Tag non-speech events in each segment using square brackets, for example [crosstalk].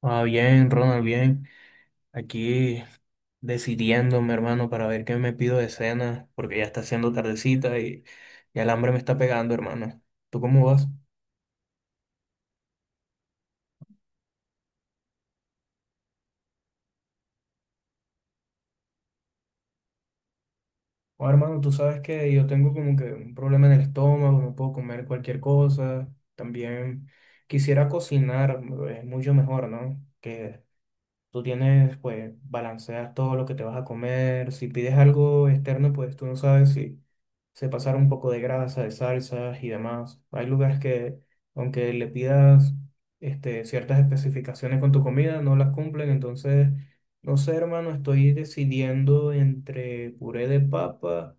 Ah, bien, Ronald, bien. Aquí decidiendo, mi hermano, para ver qué me pido de cena, porque ya está haciendo tardecita y el hambre me está pegando, hermano. ¿Tú cómo vas? Oh, hermano, tú sabes que yo tengo como que un problema en el estómago, no puedo comer cualquier cosa. También quisiera cocinar, es mucho mejor, ¿no? Que tú tienes, pues, balancear todo lo que te vas a comer. Si pides algo externo, pues tú no sabes si se pasaron un poco de grasa, de salsas y demás. Hay lugares que, aunque le pidas ciertas especificaciones con tu comida, no las cumplen. Entonces, no sé, hermano, estoy decidiendo entre puré de papa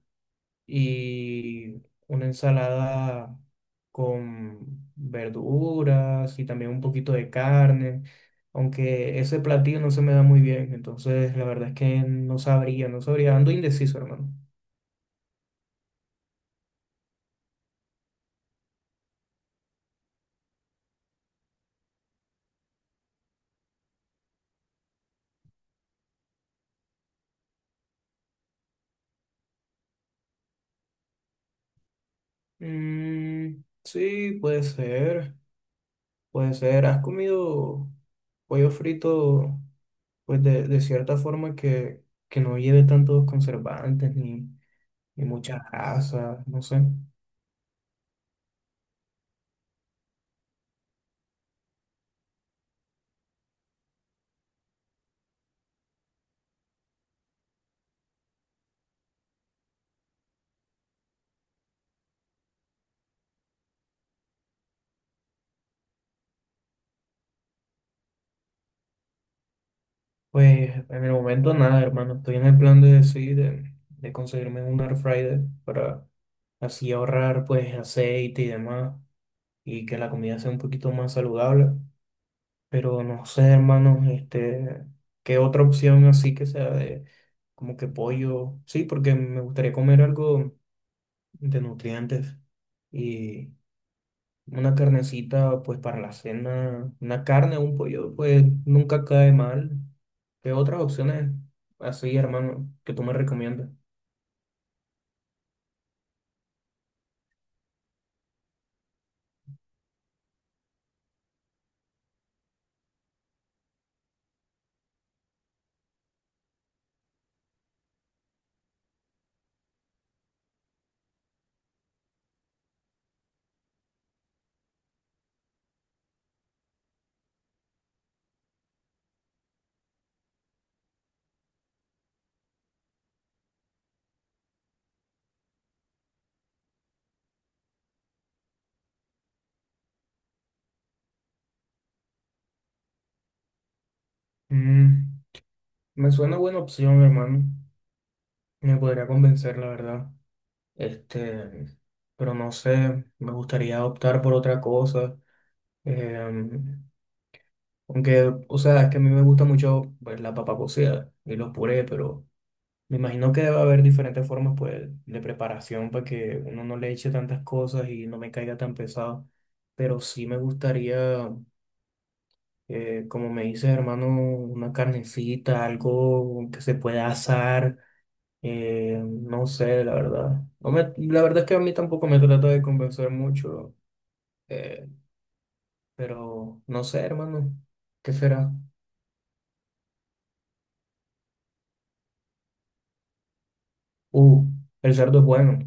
y una ensalada con verduras y también un poquito de carne, aunque ese platillo no se me da muy bien, entonces la verdad es que no sabría, no sabría, ando indeciso, hermano. Mm, sí, puede ser, puede ser. ¿Has comido pollo frito, pues de cierta forma que no lleve tantos conservantes ni, ni mucha grasa, no sé? Pues en el momento nada, hermano. Estoy en el plan de decir de conseguirme un air fryer para así ahorrar pues aceite y demás y que la comida sea un poquito más saludable. Pero no sé, hermano, qué otra opción así que sea de como que pollo. Sí, porque me gustaría comer algo de nutrientes y, una carnecita, pues para la cena, una carne o un pollo, pues nunca cae mal. ¿Qué otras opciones así, hermano, que tú me recomiendas? Mm, me suena buena opción, hermano. Me podría convencer, la verdad. Este, pero no sé, me gustaría optar por otra cosa. Em, Aunque, o sea, es que a mí me gusta mucho, pues, la papa cocida y los purés, pero me imagino que debe haber diferentes formas pues, de preparación para que uno no le eche tantas cosas y no me caiga tan pesado. Pero sí me gustaría, como me dices, hermano, una carnecita, algo que se pueda asar. No sé, la verdad. No me- la verdad es que a mí tampoco me trata de convencer mucho. eh, pero no sé, hermano, ¿qué será? Uh, el cerdo es bueno.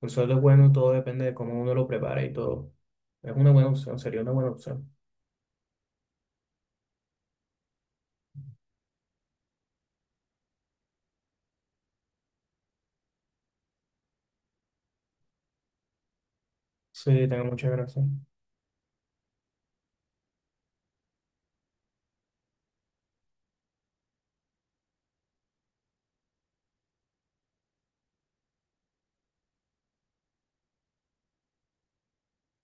El sueldo es bueno, todo depende de cómo uno lo prepara y todo. Es una buena opción, sería una buena opción. Sí, tengo muchas gracias.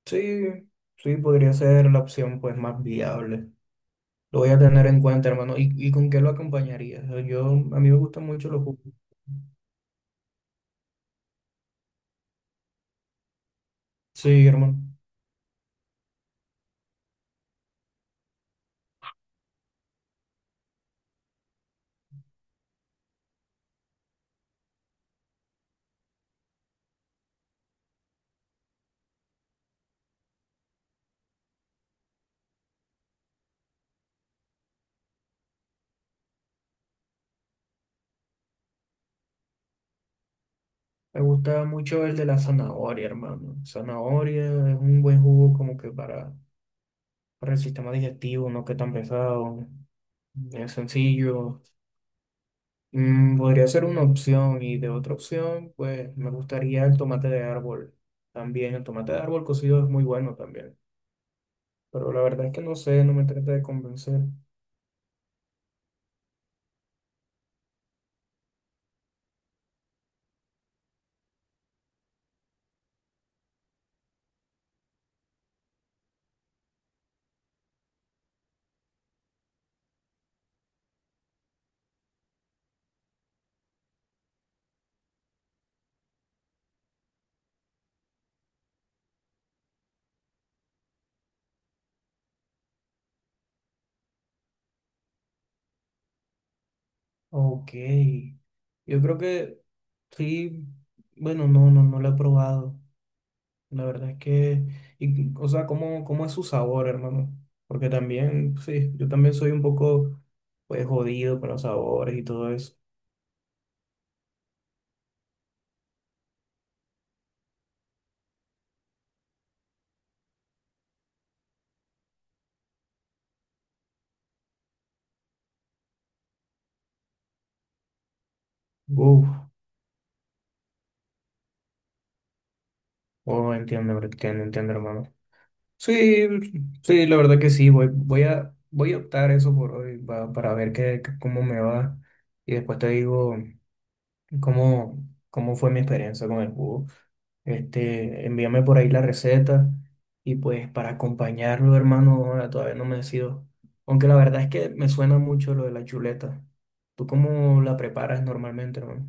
Sí, sí, podría ser la opción pues más viable. Lo voy a tener en cuenta, hermano. Y con qué lo acompañaría? O sea, yo, a mí me gustan mucho los jugos. Sí, hermano. Me gusta mucho el de la zanahoria, hermano. Zanahoria es un buen jugo como que para el sistema digestivo, no que tan pesado. Es sencillo. Mm, podría ser una opción y de otra opción, pues me gustaría el tomate de árbol. También el tomate de árbol cocido es muy bueno también, pero la verdad es que no sé, no me trata de convencer. Ok, yo creo que sí, bueno, no, no, no lo he probado. La verdad es que, y, o sea, ¿cómo, cómo es su sabor, hermano? Porque también, sí, yo también soy un poco, pues, jodido con los sabores y todo eso. Uf, oh, entiendo, entiendo, entiendo, hermano. Sí, sí, la verdad que sí, voy, voy a, voy a optar eso por hoy pa- para ver qué, qué- cómo me va y después te digo cómo, cómo fue mi experiencia con el jugo. Envíame por ahí la receta y pues para acompañarlo, hermano, ahora todavía no me decido. Aunque la verdad es que me suena mucho lo de la chuleta. ¿Tú cómo la preparas normalmente, hermano?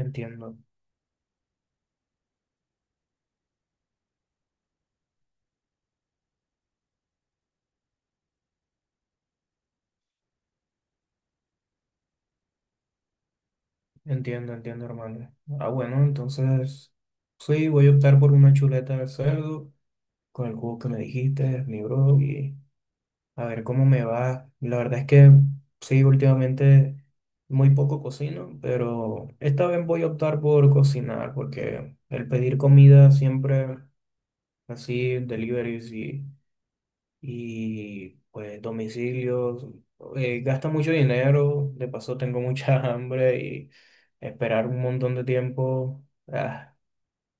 Entiendo, entiendo, entiendo, hermano. Ah, bueno, entonces sí, voy a optar por una chuleta de cerdo, con el cubo que me dijiste, mi bro, y a ver cómo me va. La verdad es que sí, últimamente muy poco cocino, pero esta vez voy a optar por cocinar, porque el pedir comida siempre así, deliveries y pues domicilios, gasta mucho dinero, de paso tengo mucha [laughs] hambre y esperar un montón de tiempo. Ah,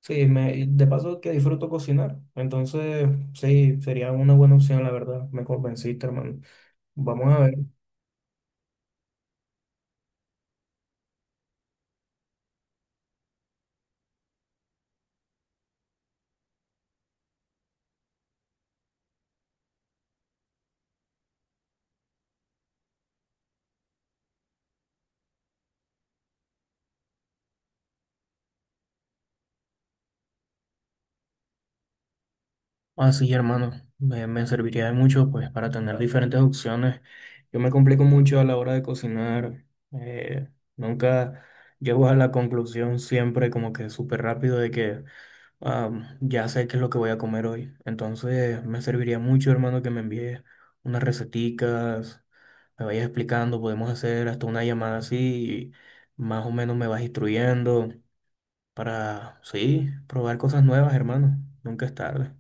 sí, me, y de paso que disfruto cocinar, entonces sí, sería una buena opción, la verdad. Me convenciste, hermano. Vamos a ver. Así, hermano, me serviría de mucho, pues, para tener diferentes opciones. Yo me complico mucho a la hora de cocinar. eh, Nunca llego a la conclusión siempre como que súper rápido de que ah, ya sé qué es lo que voy a comer hoy. Entonces, me serviría mucho, hermano, que me envíes unas receticas, me vayas explicando, podemos hacer hasta una llamada así, y más o menos me vas instruyendo para, sí, probar cosas nuevas, hermano. Nunca es tarde.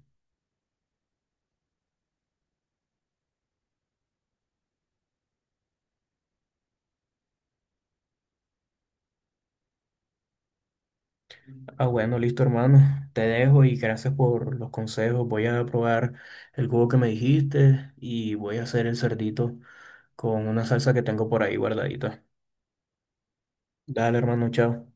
Ah, bueno, listo, hermano. Te dejo y gracias por los consejos. Voy a probar el jugo que me dijiste y voy a hacer el cerdito con una salsa que tengo por ahí guardadita. Dale, hermano, chao.